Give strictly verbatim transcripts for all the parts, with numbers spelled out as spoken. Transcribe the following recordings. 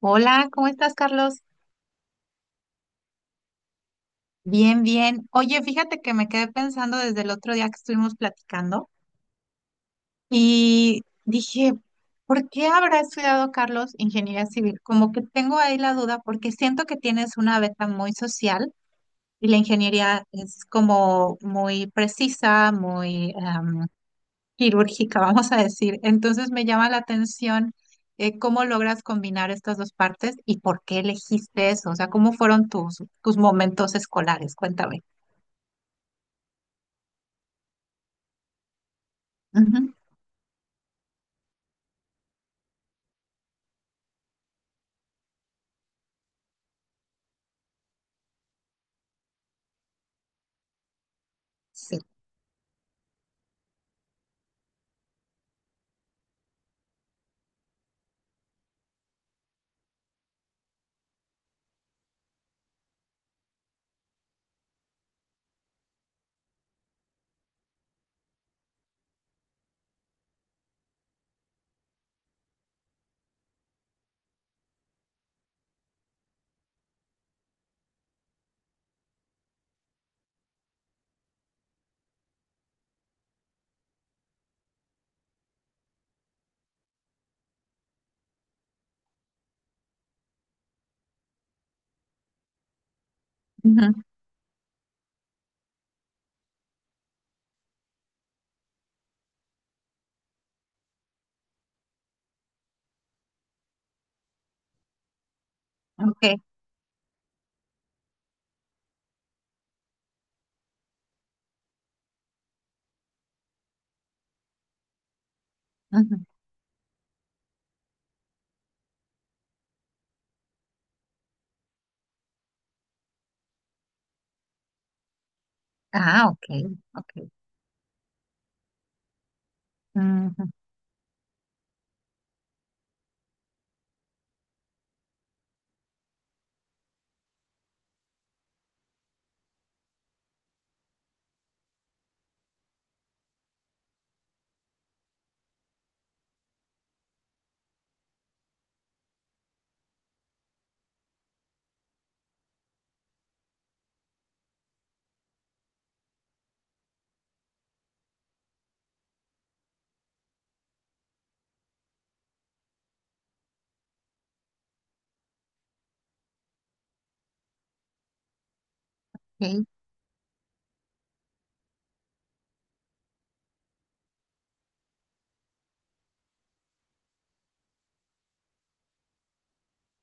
Hola, ¿cómo estás, Carlos? Bien, bien. Oye, fíjate que me quedé pensando desde el otro día que estuvimos platicando y dije, ¿por qué habrá estudiado Carlos ingeniería civil? Como que tengo ahí la duda porque siento que tienes una beta muy social y la ingeniería es como muy precisa, muy em, quirúrgica, vamos a decir. Entonces me llama la atención eh, cómo logras combinar estas dos partes y por qué elegiste eso. O sea, ¿cómo fueron tus, tus momentos escolares? Cuéntame. Ujú. Sí. Ujú. Ok. Ujú. Ah, ok. Ok. Ujú. Ok,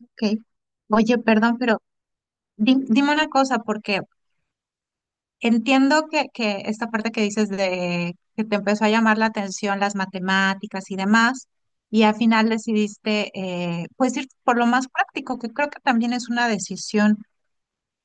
ok. Oye, perdón, pero di- dime una cosa, porque entiendo que, que esta parte que dices de que te empezó a llamar la atención las matemáticas y demás, y al final decidiste eh, pues ir por lo más práctico, que creo que también es una decisión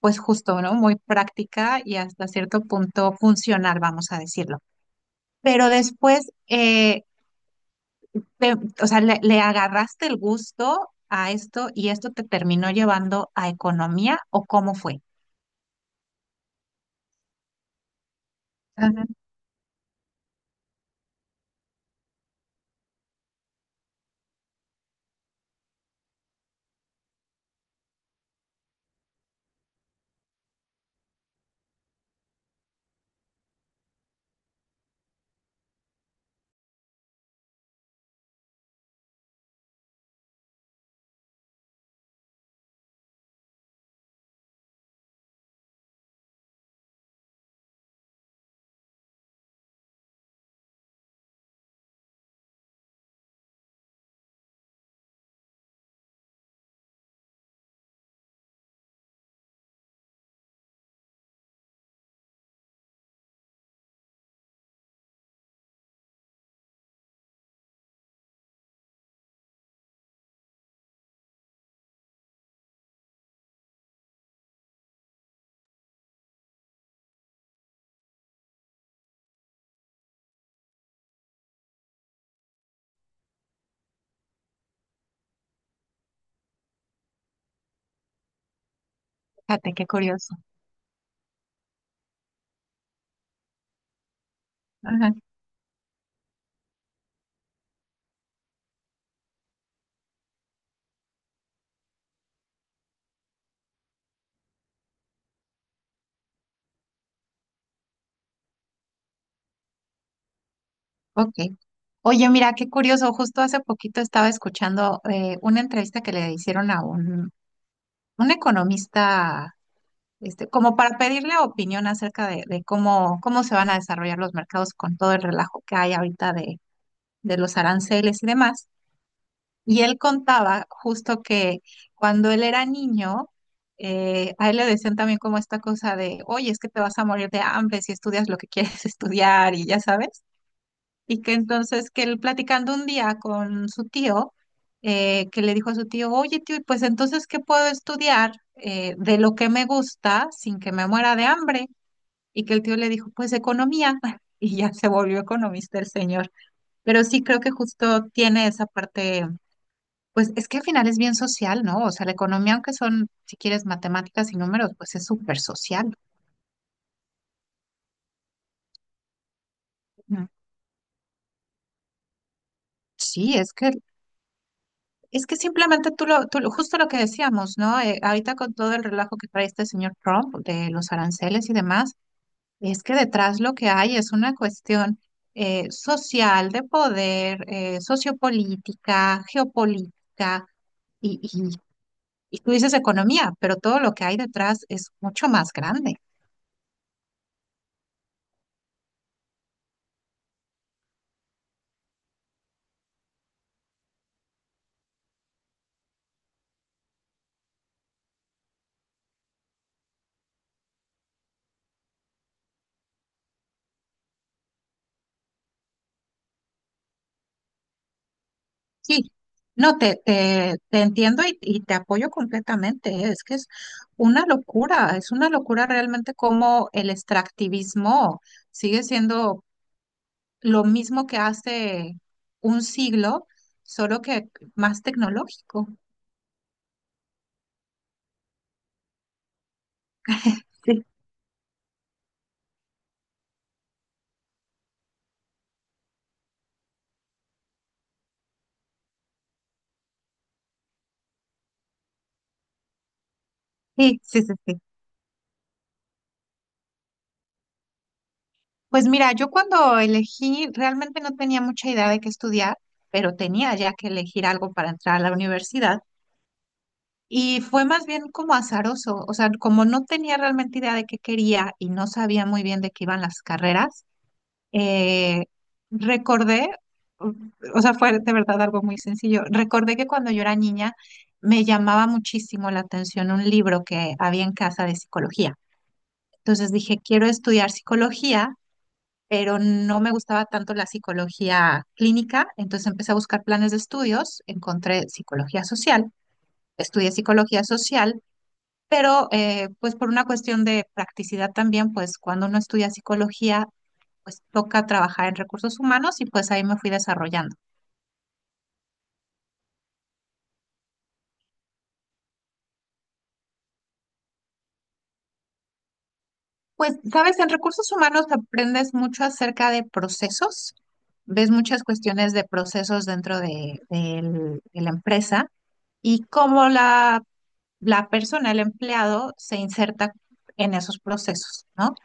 pues justo, ¿no? Muy práctica y hasta cierto punto funcional, vamos a decirlo. Pero después, eh, te- o sea, le, le agarraste el gusto a esto y ¿esto te terminó llevando a economía o cómo fue? Ajá. Fíjate, qué curioso. Ok. Oye, mira, qué curioso. Justo hace poquito estaba escuchando eh, una entrevista que le hicieron a un, un economista, este, como para pedirle opinión acerca de, de cómo, cómo se van a desarrollar los mercados con todo el relajo que hay ahorita de, de los aranceles y demás. Y él contaba justo que cuando él era niño, eh, a él le decían también como esta cosa de, oye, es que te vas a morir de hambre si estudias lo que quieres estudiar y ya sabes. Y que entonces que él platicando un día con su tío, eh, que le dijo a su tío, oye tío, pues entonces ¿qué puedo estudiar eh, de lo que me gusta sin que me muera de hambre? Y que el tío le dijo, pues economía. Y ya se volvió economista el señor. Pero sí creo que justo tiene esa parte, pues es que al final es bien social, ¿no? O sea, la economía, aunque son, si quieres, matemáticas y números, pues es súper social. Ujú. Sí, es que es que simplemente tú lo, tú lo- justo lo que decíamos, ¿no? Eh, ahorita con todo el relajo que trae este señor Trump de los aranceles y demás, es que detrás lo que hay es una cuestión eh, social, de poder, eh, sociopolítica, geopolítica, y, y, y tú dices economía, pero todo lo que hay detrás es mucho más grande. Sí, no, te, te, te entiendo y, y te apoyo completamente, ¿eh? Es que es una locura, es una locura realmente como el extractivismo sigue siendo lo mismo que hace un siglo, solo que más tecnológico. Sí. Sí, sí, sí, sí. Pues mira, yo cuando elegí realmente no tenía mucha idea de qué estudiar, pero tenía ya que elegir algo para entrar a la universidad. Y fue más bien como azaroso, o sea, como no tenía realmente idea de qué quería y no sabía muy bien de qué iban las carreras, eh, recordé, o o sea, fue de verdad algo muy sencillo, recordé que cuando yo era niña me llamaba muchísimo la atención un libro que había en casa de psicología. Entonces dije, quiero estudiar psicología, pero no me gustaba tanto la psicología clínica, entonces empecé a buscar planes de estudios, encontré psicología social, estudié psicología social pero eh, pues por una cuestión de practicidad también, pues cuando uno estudia psicología, pues toca trabajar en recursos humanos y pues ahí me fui desarrollando. Pues, sabes, en recursos humanos aprendes mucho acerca de procesos, ves muchas cuestiones de procesos dentro de, del- de la empresa y cómo la la persona, el empleado, se inserta en esos procesos, ¿no?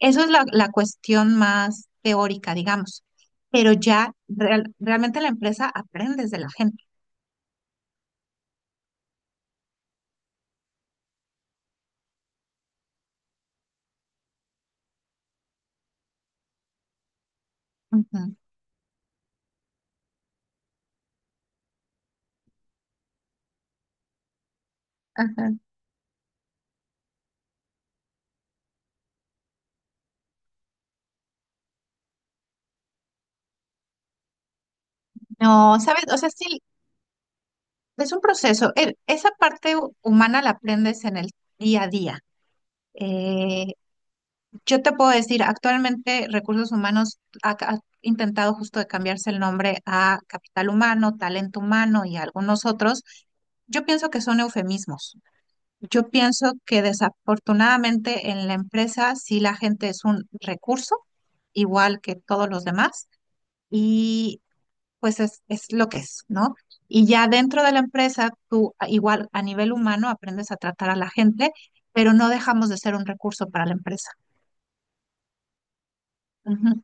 Eso es la, la cuestión más teórica, digamos, pero ya real- realmente la empresa aprendes de la gente. Ujú. Ajá. No, sabes, o sea, sí, es un proceso. El- esa parte hu- humana la aprendes en el día a día. Eh, Yo te puedo decir, actualmente Recursos Humanos ha, ca- ha intentado justo de cambiarse el nombre a Capital Humano, Talento Humano y algunos otros. Yo pienso que son eufemismos. Yo pienso que desafortunadamente en la empresa sí la gente es un recurso, igual que todos los demás, y pues es, es lo que es, ¿no? Y ya dentro de la empresa, tú a- igual a nivel humano aprendes a tratar a la gente, pero no dejamos de ser un recurso para la empresa. Ujú.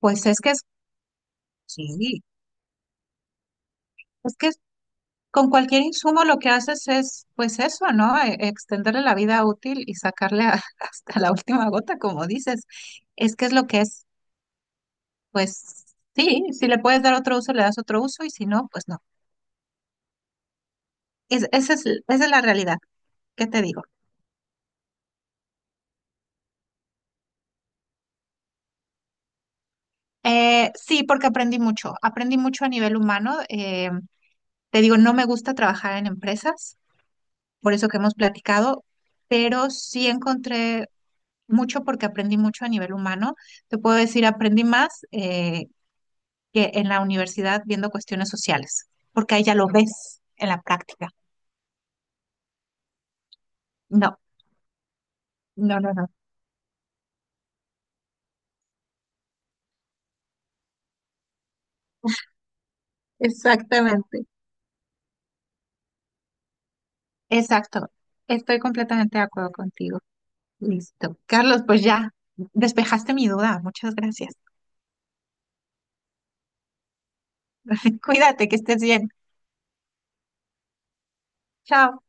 Pues es que sí, es que con cualquier insumo lo que haces es, pues eso, ¿no? E- extenderle la vida útil y sacarle a- hasta la última gota, como dices. Es que es lo que es, pues sí, si le puedes dar otro uso, le das otro uso y si no, pues no. Es- esa es, esa es la realidad, ¿qué te digo? Eh, sí, porque aprendí mucho, aprendí mucho a nivel humano. Eh, te digo, no me gusta trabajar en empresas, por eso que hemos platicado, pero sí encontré mucho porque aprendí mucho a nivel humano. Te puedo decir, aprendí más eh, que en la universidad viendo cuestiones sociales, porque ahí ya lo ves en la práctica. No, no, no, no. Exactamente. Exacto. Estoy completamente de acuerdo contigo. Listo. Carlos, pues ya despejaste mi duda. Muchas gracias. Cuídate, que estés bien. Chao.